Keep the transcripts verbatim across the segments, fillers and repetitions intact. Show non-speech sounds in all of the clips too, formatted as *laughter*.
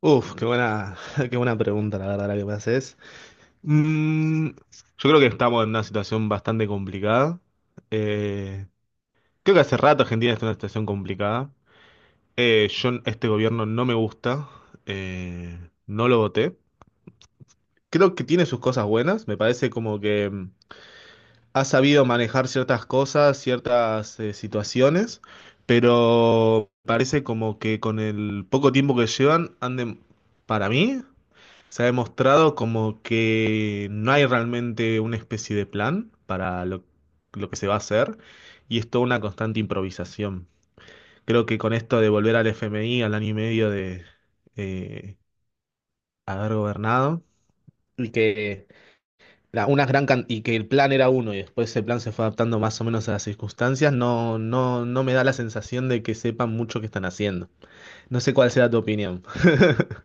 Uf, qué buena, *laughs* qué buena pregunta, la verdad, la que me haces. Mm, yo creo que estamos en una situación bastante complicada. Eh, creo que hace rato Argentina está en una situación complicada. Eh, yo, este gobierno no me gusta. eh, no lo voté. Creo que tiene sus cosas buenas. Me parece como que mm, ha sabido manejar ciertas cosas, ciertas eh, situaciones, pero parece como que con el poco tiempo que llevan, anden, para mí. Se ha demostrado como que no hay realmente una especie de plan para lo, lo que se va a hacer y es toda una constante improvisación. Creo que con esto de volver al F M I al año y medio de eh, haber gobernado y que la- una gran can- y que el plan era uno y después ese plan se fue adaptando más o menos a las circunstancias, no, no, no me da la sensación de que sepan mucho qué están haciendo. No sé cuál sea tu opinión. *laughs*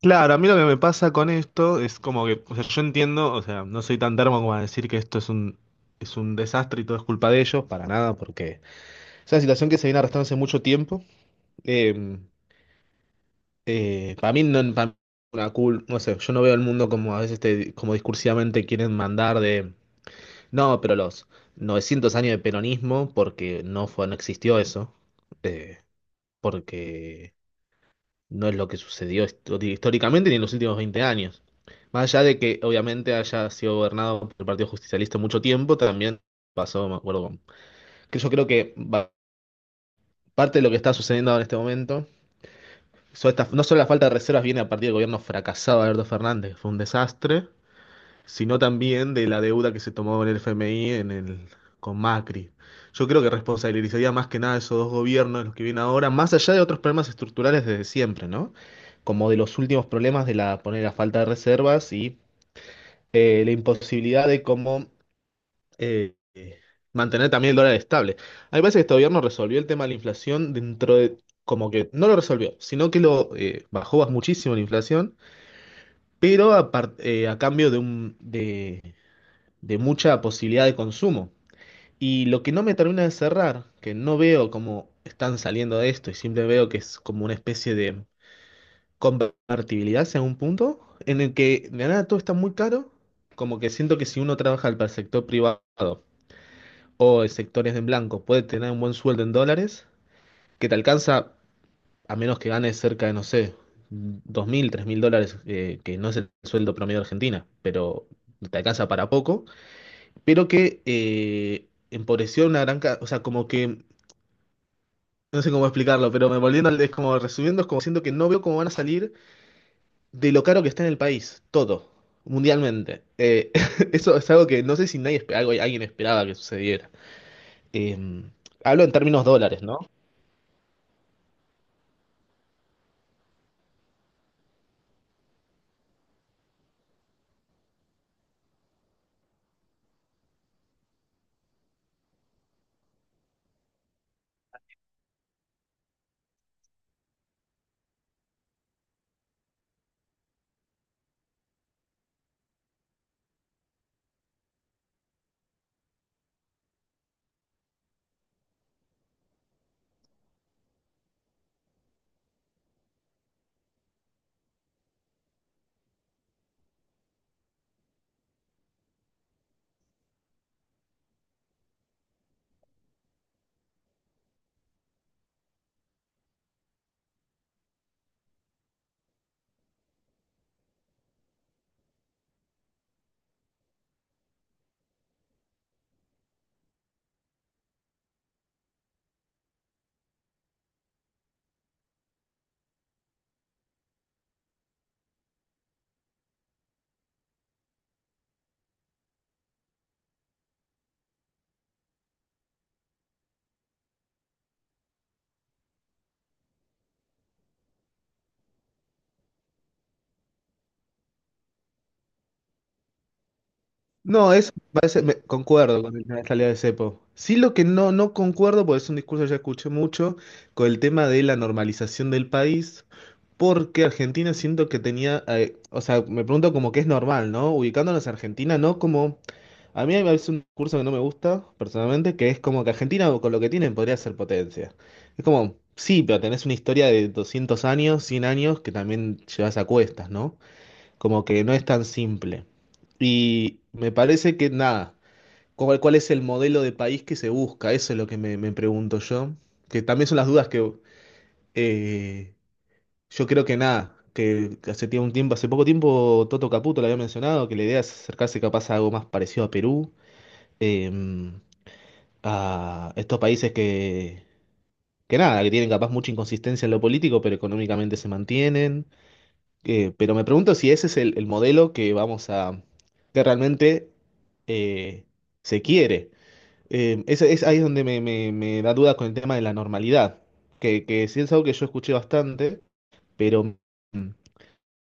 Claro, a mí lo que me pasa con esto es como que, o sea, yo entiendo, o sea, no soy tan termo como a decir que esto es un, es un desastre y todo es culpa de ellos, para nada, porque es una situación que se viene arrastrando hace mucho tiempo. Eh, eh, para mí no, para mí no una cul- no sé, yo no veo el mundo como a veces te- como discursivamente quieren mandar de, no, pero los novecientos años de peronismo, porque no fue, no existió eso, eh, porque no es lo que sucedió histo- históricamente ni en los últimos veinte años. Más allá de que obviamente haya sido gobernado por el Partido Justicialista mucho tiempo, también pasó, me acuerdo, con- que yo creo que va- parte de lo que está sucediendo ahora en este momento, so- esta- no solo la falta de reservas viene a partir del gobierno fracasado de Alberto Fernández, que fue un desastre, sino también de la deuda que se tomó en el F M I en el, con Macri. Yo creo que responsabilizaría más que nada a esos dos gobiernos, los que vienen ahora, más allá de otros problemas estructurales desde siempre, ¿no? Como de los últimos problemas de la, poner la falta de reservas y eh, la imposibilidad de cómo eh, eh, mantener también el dólar estable. A mí me parece que este gobierno resolvió el tema de la inflación dentro de, como que no lo resolvió, sino que lo eh, bajó muchísimo la inflación, pero a, par- eh, a cambio de un, de, de mucha posibilidad de consumo. Y lo que no me termina de cerrar, que no veo cómo están saliendo de esto, y siempre veo que es como una especie de convertibilidad en un punto, en el que de nada todo está muy caro, como que siento que si uno trabaja para el sector privado o el sector es en blanco, puede tener un buen sueldo en dólares, que te alcanza a menos que ganes cerca de, no sé, dos mil tres mil dólares, eh, que no es el sueldo promedio de Argentina, pero te alcanza para poco. Pero que eh, empobreció una gran... ca- O sea, como que... No sé cómo explicarlo, pero me volviendo al- es como resumiendo, es como siento que no veo cómo van a salir de lo caro que está en el país, todo, mundialmente. Eh, *laughs* eso es algo que no sé si nadie, espe- algo- alguien esperaba que sucediera. Eh, hablo en términos dólares, ¿no? No, eso me parece, me- concuerdo con la salida de cepo. Sí, lo que no, no concuerdo, porque es un discurso que ya escuché mucho, con el tema de la normalización del país. Porque Argentina siento que tenía, eh, o sea, me pregunto como que es normal, ¿no? Ubicándonos a Argentina, ¿no? Como, a mí hay veces un curso que no me gusta, personalmente, que es como que Argentina con lo que tienen podría ser potencia. Es como, sí, pero tenés una historia de doscientos años, cien años, que también llevas a cuestas, ¿no? Como que no es tan simple. Y me parece que nada, ¿cuál, cuál es el modelo de país que se busca? Eso es lo que me, me pregunto yo, que también son las dudas que eh, yo creo que nada, que que hace tiempo, un tiempo, hace poco tiempo Toto Caputo lo había mencionado, que la idea es acercarse capaz a algo más parecido a Perú, eh, a estos países que, que nada, que tienen capaz mucha inconsistencia en lo político, pero económicamente se mantienen. Eh, pero me pregunto si ese es el, el modelo que vamos a, que realmente eh, se quiere. Eh, es, es ahí es donde me, me- me da duda con el tema de la normalidad, que, que sí es algo que yo escuché bastante, pero... mm,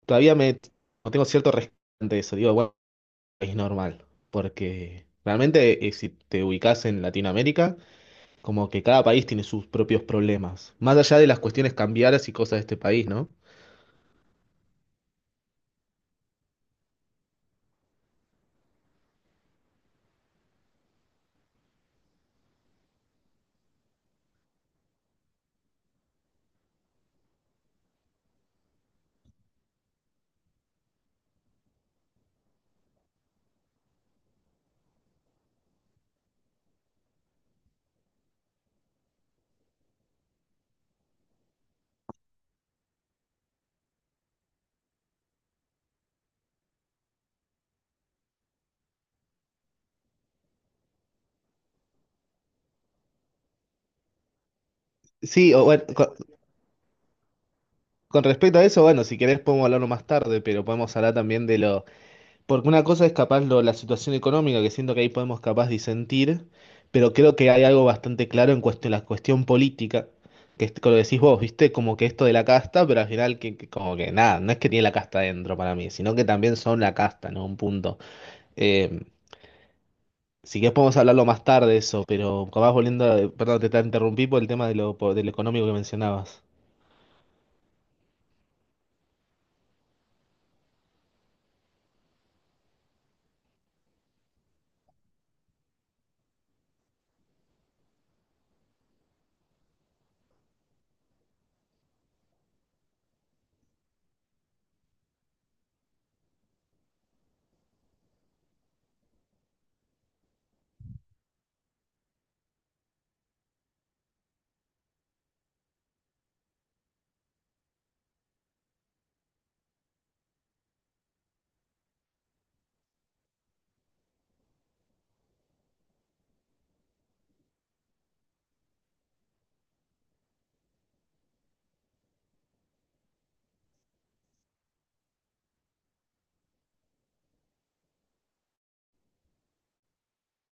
todavía me no tengo cierto respeto ante eso. Digo, bueno, es normal, porque realmente eh, si te ubicas en Latinoamérica, como que cada país tiene sus propios problemas, más allá de las cuestiones cambiarias y cosas de este país, ¿no? Sí, o bueno, co- con respecto a eso, bueno, si querés podemos hablarlo más tarde, pero podemos hablar también de los. Porque una cosa es capaz lo- la situación económica, que siento que ahí podemos capaz disentir, pero creo que hay algo bastante claro en cuestión, la cuestión política, que es lo decís vos, ¿viste? Como que esto de la casta, pero al final que, que como que nada, no es que tiene la casta dentro para mí, sino que también son la casta, ¿no? Un punto. Eh, si querés podemos hablarlo más tarde eso, pero capaz volviendo, a- perdón, te te interrumpí por el tema de lo, por- del económico que mencionabas.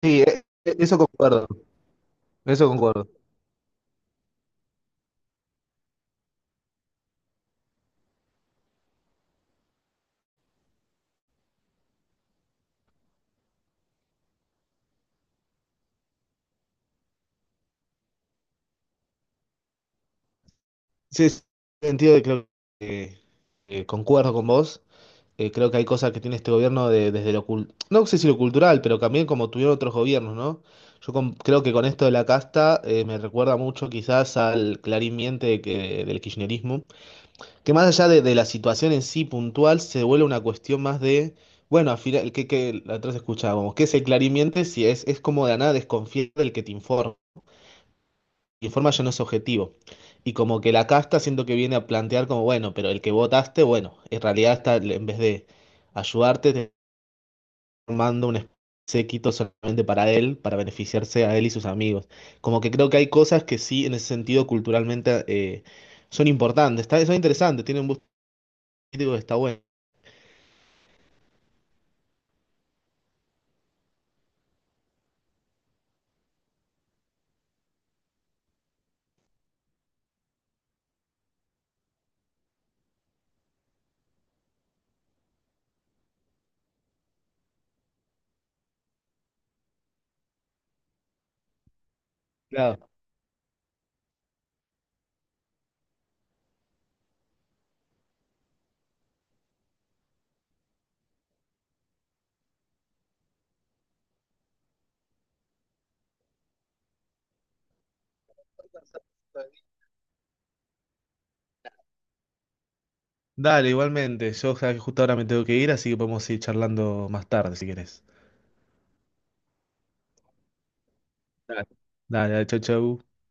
Sí, eh, eh, eso concuerdo, eso concuerdo. Sí, sí, en el sentido de que creo que eh, concuerdo con vos. Eh, creo que hay cosas que tiene este gobierno de- desde lo cultural, no sé si lo cultural, pero también como tuvieron otros gobiernos, ¿no? Yo con- creo que con esto de la casta eh, me recuerda mucho quizás al clarín miente que, del kirchnerismo, que más allá de, de la situación en sí puntual, se vuelve una cuestión más de, bueno, al final, que, que la otra vez escuchábamos, ¿qué es el clarín miente? Si es, es como de la nada desconfiar del que te informa, informa ya no es objetivo. Y como que la casta siento que viene a plantear como, bueno, pero el que votaste, bueno, en realidad está, en vez de ayudarte, formando un séquito solamente para él, para beneficiarse a él y sus amigos. Como que creo que hay cosas que sí, en ese sentido, culturalmente eh, son importantes, está, son interesantes, tienen un gusto político que está bueno. Claro. Dale, igualmente. Yo sabes que justo ahora me tengo que ir, así que podemos ir charlando más tarde si querés. Dale, dale, dale, chau, chau.